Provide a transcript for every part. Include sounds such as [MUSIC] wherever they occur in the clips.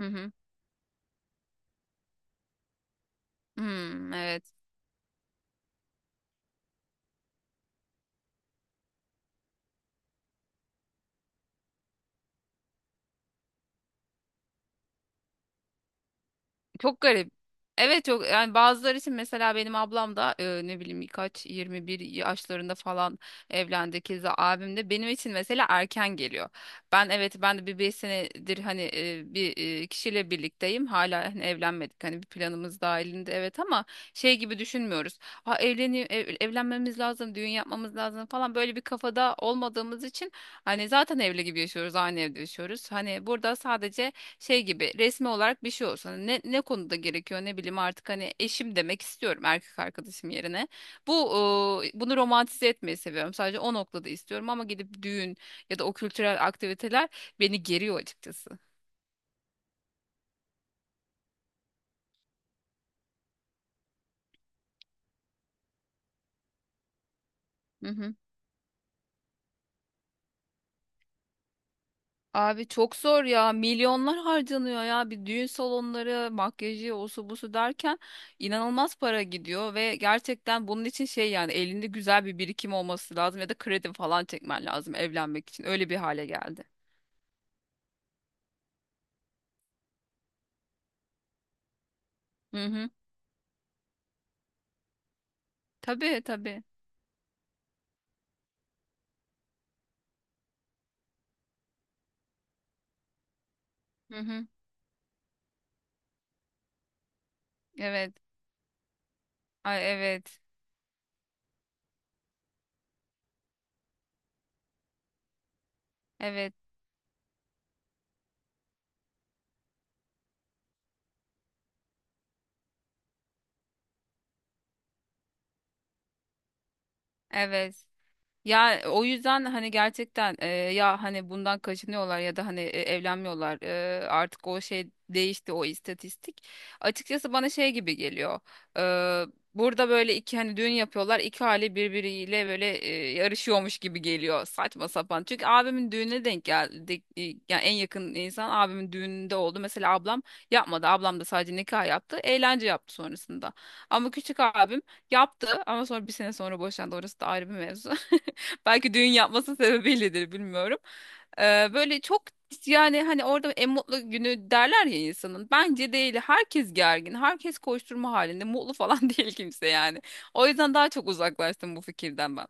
Hı hı. Hmm, evet. Çok garip. Evet, çok, yani bazıları için, mesela benim ablam da ne bileyim, kaç 21 yaşlarında falan evlendi. Keza abim de benim için mesela erken geliyor. Evet, ben de bir 5 senedir hani bir kişiyle birlikteyim. Hala hani evlenmedik. Hani bir planımız dahilinde, evet, ama şey gibi düşünmüyoruz. Ha, evlenmemiz lazım, düğün yapmamız lazım falan, böyle bir kafada olmadığımız için hani zaten evli gibi yaşıyoruz, aynı evde yaşıyoruz. Hani burada sadece şey gibi resmi olarak bir şey olsun. Hani ne konuda gerekiyor, ne bileyim artık, hani eşim demek istiyorum erkek arkadaşım yerine. Bu Bunu romantize etmeyi seviyorum. Sadece o noktada istiyorum ama gidip düğün ya da o kültürel aktiviteler beni geriyor açıkçası. Hı hı. Abi, çok zor ya. Milyonlar harcanıyor ya. Bir düğün salonları, makyajı, osu busu derken inanılmaz para gidiyor ve gerçekten bunun için şey, yani elinde güzel bir birikim olması lazım ya da kredi falan çekmen lazım evlenmek için. Öyle bir hale geldi. Hı hı. Tabii, tabii. Hı hı. Evet. Ay, evet. Evet. Evet. Ya, o yüzden hani gerçekten ya hani bundan kaçınıyorlar ya da hani evlenmiyorlar. Artık o şey değişti, o istatistik. Açıkçası bana şey gibi geliyor. E, Burada böyle iki hani düğün yapıyorlar. İki aile birbiriyle böyle yarışıyormuş gibi geliyor. Saçma sapan. Çünkü abimin düğününe denk geldi. Yani en yakın insan abimin düğününde oldu. Mesela ablam yapmadı. Ablam da sadece nikah yaptı. Eğlence yaptı sonrasında. Ama küçük abim yaptı ama sonra bir sene sonra boşandı. Orası da ayrı bir mevzu. [LAUGHS] Belki düğün yapması sebebiyledir, bilmiyorum. Böyle çok, yani hani orada en mutlu günü derler ya insanın. Bence değil. Herkes gergin. Herkes koşturma halinde. Mutlu falan [LAUGHS] değil kimse yani. O yüzden daha çok uzaklaştım bu fikirden ben.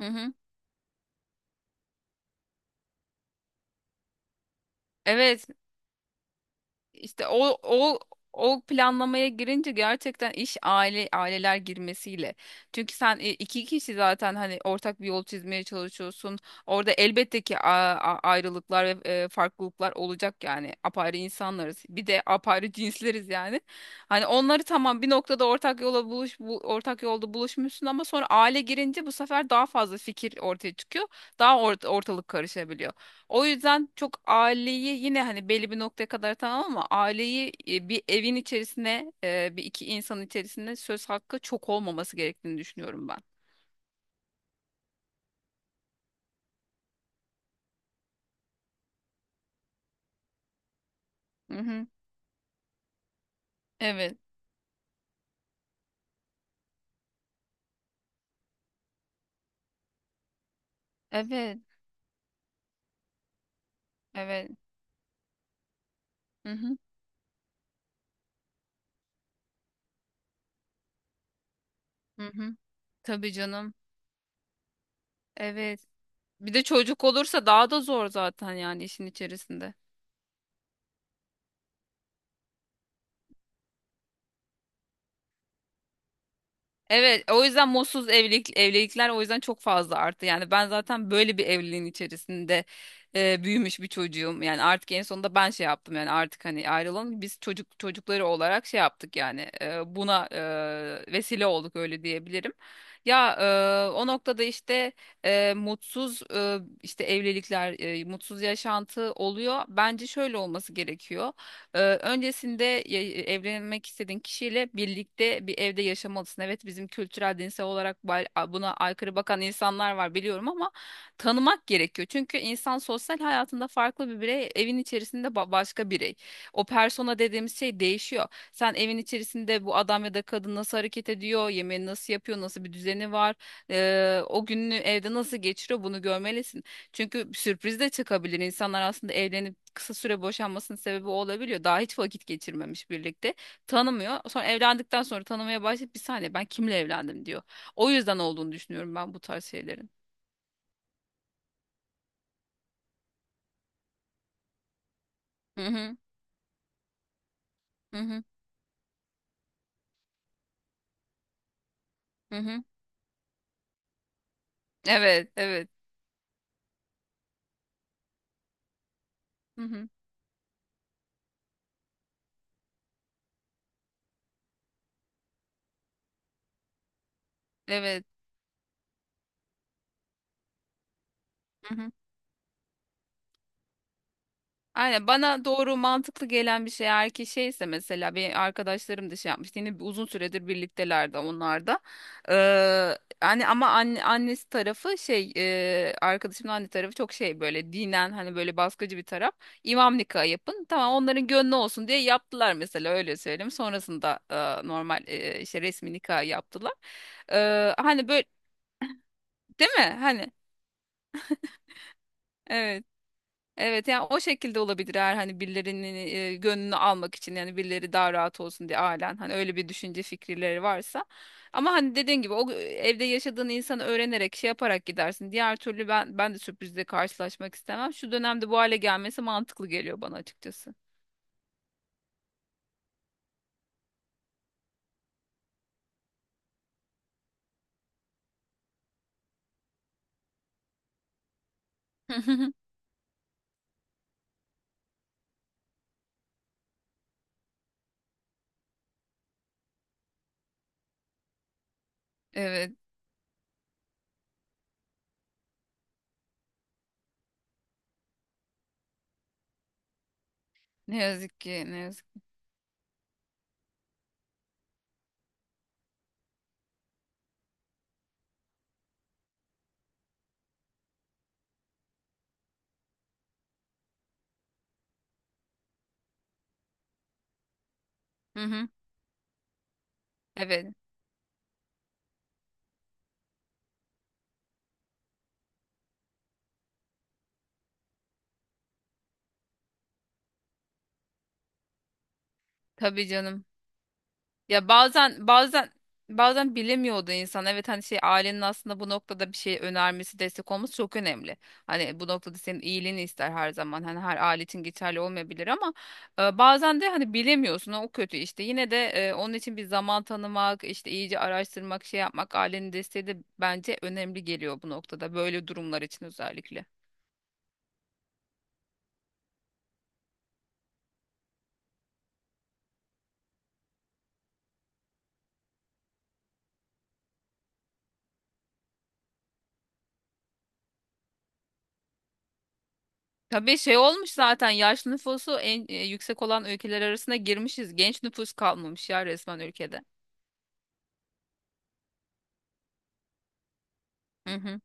Hı hı. Evet. İşte o planlamaya girince gerçekten iş, aileler girmesiyle. Çünkü sen, iki kişi zaten hani ortak bir yol çizmeye çalışıyorsun. Orada elbette ki ayrılıklar ve farklılıklar olacak yani. Apayrı insanlarız. Bir de apayrı [LAUGHS] cinsleriz yani. Hani onları tamam bir noktada ortak yolda buluşmuşsun, ama sonra aile girince bu sefer daha fazla fikir ortaya çıkıyor. Daha ortalık karışabiliyor. O yüzden çok aileyi yine hani belli bir noktaya kadar tamam, ama aileyi, bir evin içerisine, bir iki insan içerisinde söz hakkı çok olmaması gerektiğini düşünüyorum ben. Hı hı. Evet. Evet. Evet. Hı hı. Hı hı. Tabii canım. Evet. Bir de çocuk olursa daha da zor zaten yani, işin içerisinde. Evet, o yüzden mutsuz evlilikler o yüzden çok fazla arttı. Yani ben zaten böyle bir evliliğin içerisinde büyümüş bir çocuğum. Yani artık en sonunda ben şey yaptım, yani artık hani ayrılalım. Biz çocukları olarak şey yaptık, yani buna vesile olduk, öyle diyebilirim. Ya, o noktada işte, mutsuz, işte evlilikler, mutsuz yaşantı oluyor. Bence şöyle olması gerekiyor. Öncesinde evlenmek istediğin kişiyle birlikte bir evde yaşamalısın. Evet, bizim kültürel dinsel olarak buna aykırı bakan insanlar var biliyorum, ama tanımak gerekiyor. Çünkü insan sosyal hayatında farklı bir birey, evin içerisinde başka birey. O persona dediğimiz şey değişiyor. Sen evin içerisinde bu adam ya da kadın nasıl hareket ediyor, yemeğini nasıl yapıyor, nasıl bir düzeni var, o gününü evde nasıl geçiriyor, bunu görmelisin. Çünkü sürpriz de çıkabilir. İnsanlar aslında evlenip kısa süre boşanmasının sebebi o olabiliyor. Daha hiç vakit geçirmemiş birlikte. Tanımıyor. Sonra evlendikten sonra tanımaya başlayıp, bir saniye, ben kimle evlendim, diyor. O yüzden olduğunu düşünüyorum ben bu tarz şeylerin. Hı hı hı hı hı. Hı. Evet, evet. Hı hı. Evet. Hı hı. Aynen, bana doğru mantıklı gelen bir şey, eğer ki şeyse. Mesela bir arkadaşlarım da şey yapmıştı, yine uzun süredir birliktelerdi onlar da. Hani ama, annesi tarafı şey, arkadaşımın anne tarafı çok şey, böyle dinen hani böyle baskıcı bir taraf. İmam nikahı yapın, tamam, onların gönlü olsun diye yaptılar mesela, öyle söyleyeyim. Sonrasında normal işte resmi nikah yaptılar. Hani böyle, değil mi? Hani, evet. Evet, yani o şekilde olabilir eğer hani birilerinin gönlünü almak için, yani birileri daha rahat olsun diye, ailen hani öyle bir düşünce fikirleri varsa. Ama hani dediğin gibi, o evde yaşadığın insanı öğrenerek, şey yaparak gidersin. Diğer türlü ben de sürprizle karşılaşmak istemem. Şu dönemde bu hale gelmesi mantıklı geliyor bana açıkçası. [LAUGHS] Evet, ne yazık ki, ne yazık. Hı hı. Evet, tabii canım. Ya, bazen bilemiyordu insan. Evet, hani şey, ailenin aslında bu noktada bir şey önermesi, destek olması çok önemli. Hani bu noktada senin iyiliğini ister her zaman. Hani her aile için geçerli olmayabilir ama bazen de hani bilemiyorsun, o kötü işte. Yine de onun için bir zaman tanımak, işte iyice araştırmak, şey yapmak, ailenin desteği de bence önemli geliyor bu noktada. Böyle durumlar için özellikle. Tabii, şey olmuş zaten, yaşlı nüfusu en yüksek olan ülkeler arasına girmişiz. Genç nüfus kalmamış ya resmen ülkede. Hı hı.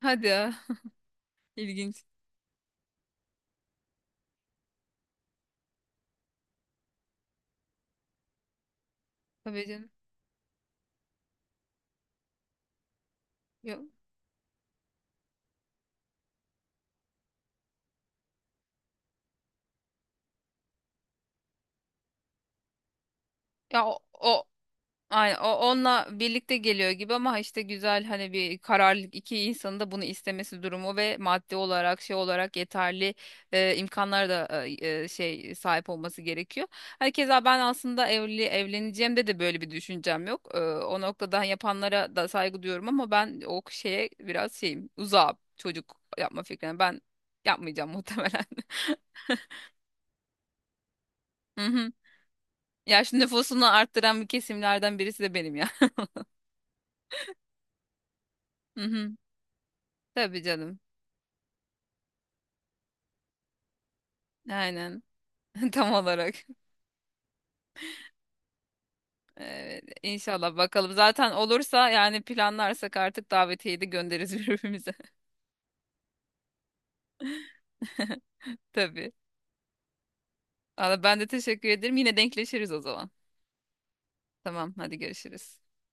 Hadi ya. İlginç. Tabii canım. Yok. Ya, o, o aynen, o onunla birlikte geliyor gibi, ama işte güzel hani bir kararlılık, iki insanın da bunu istemesi durumu ve maddi olarak, şey olarak, yeterli imkanlara da şey sahip olması gerekiyor. Hani keza ben aslında evleneceğimde de böyle bir düşüncem yok. O noktadan yapanlara da saygı duyuyorum, ama ben o şeye biraz şeyim, uzağım çocuk yapma fikrine. Ben yapmayacağım muhtemelen. [LAUGHS] Mhm. Yaşlı nüfusunu arttıran bir kesimlerden birisi de benim ya. [LAUGHS] Hı hı. Tabii canım. Aynen. [LAUGHS] Tam olarak. Evet, inşallah, bakalım. Zaten olursa, yani planlarsak, artık davetiyeyi de göndeririz [LAUGHS] birbirimize. [LAUGHS] Tabii. Valla, ben de teşekkür ederim. Yine denkleşiriz o zaman. Tamam, hadi, görüşürüz.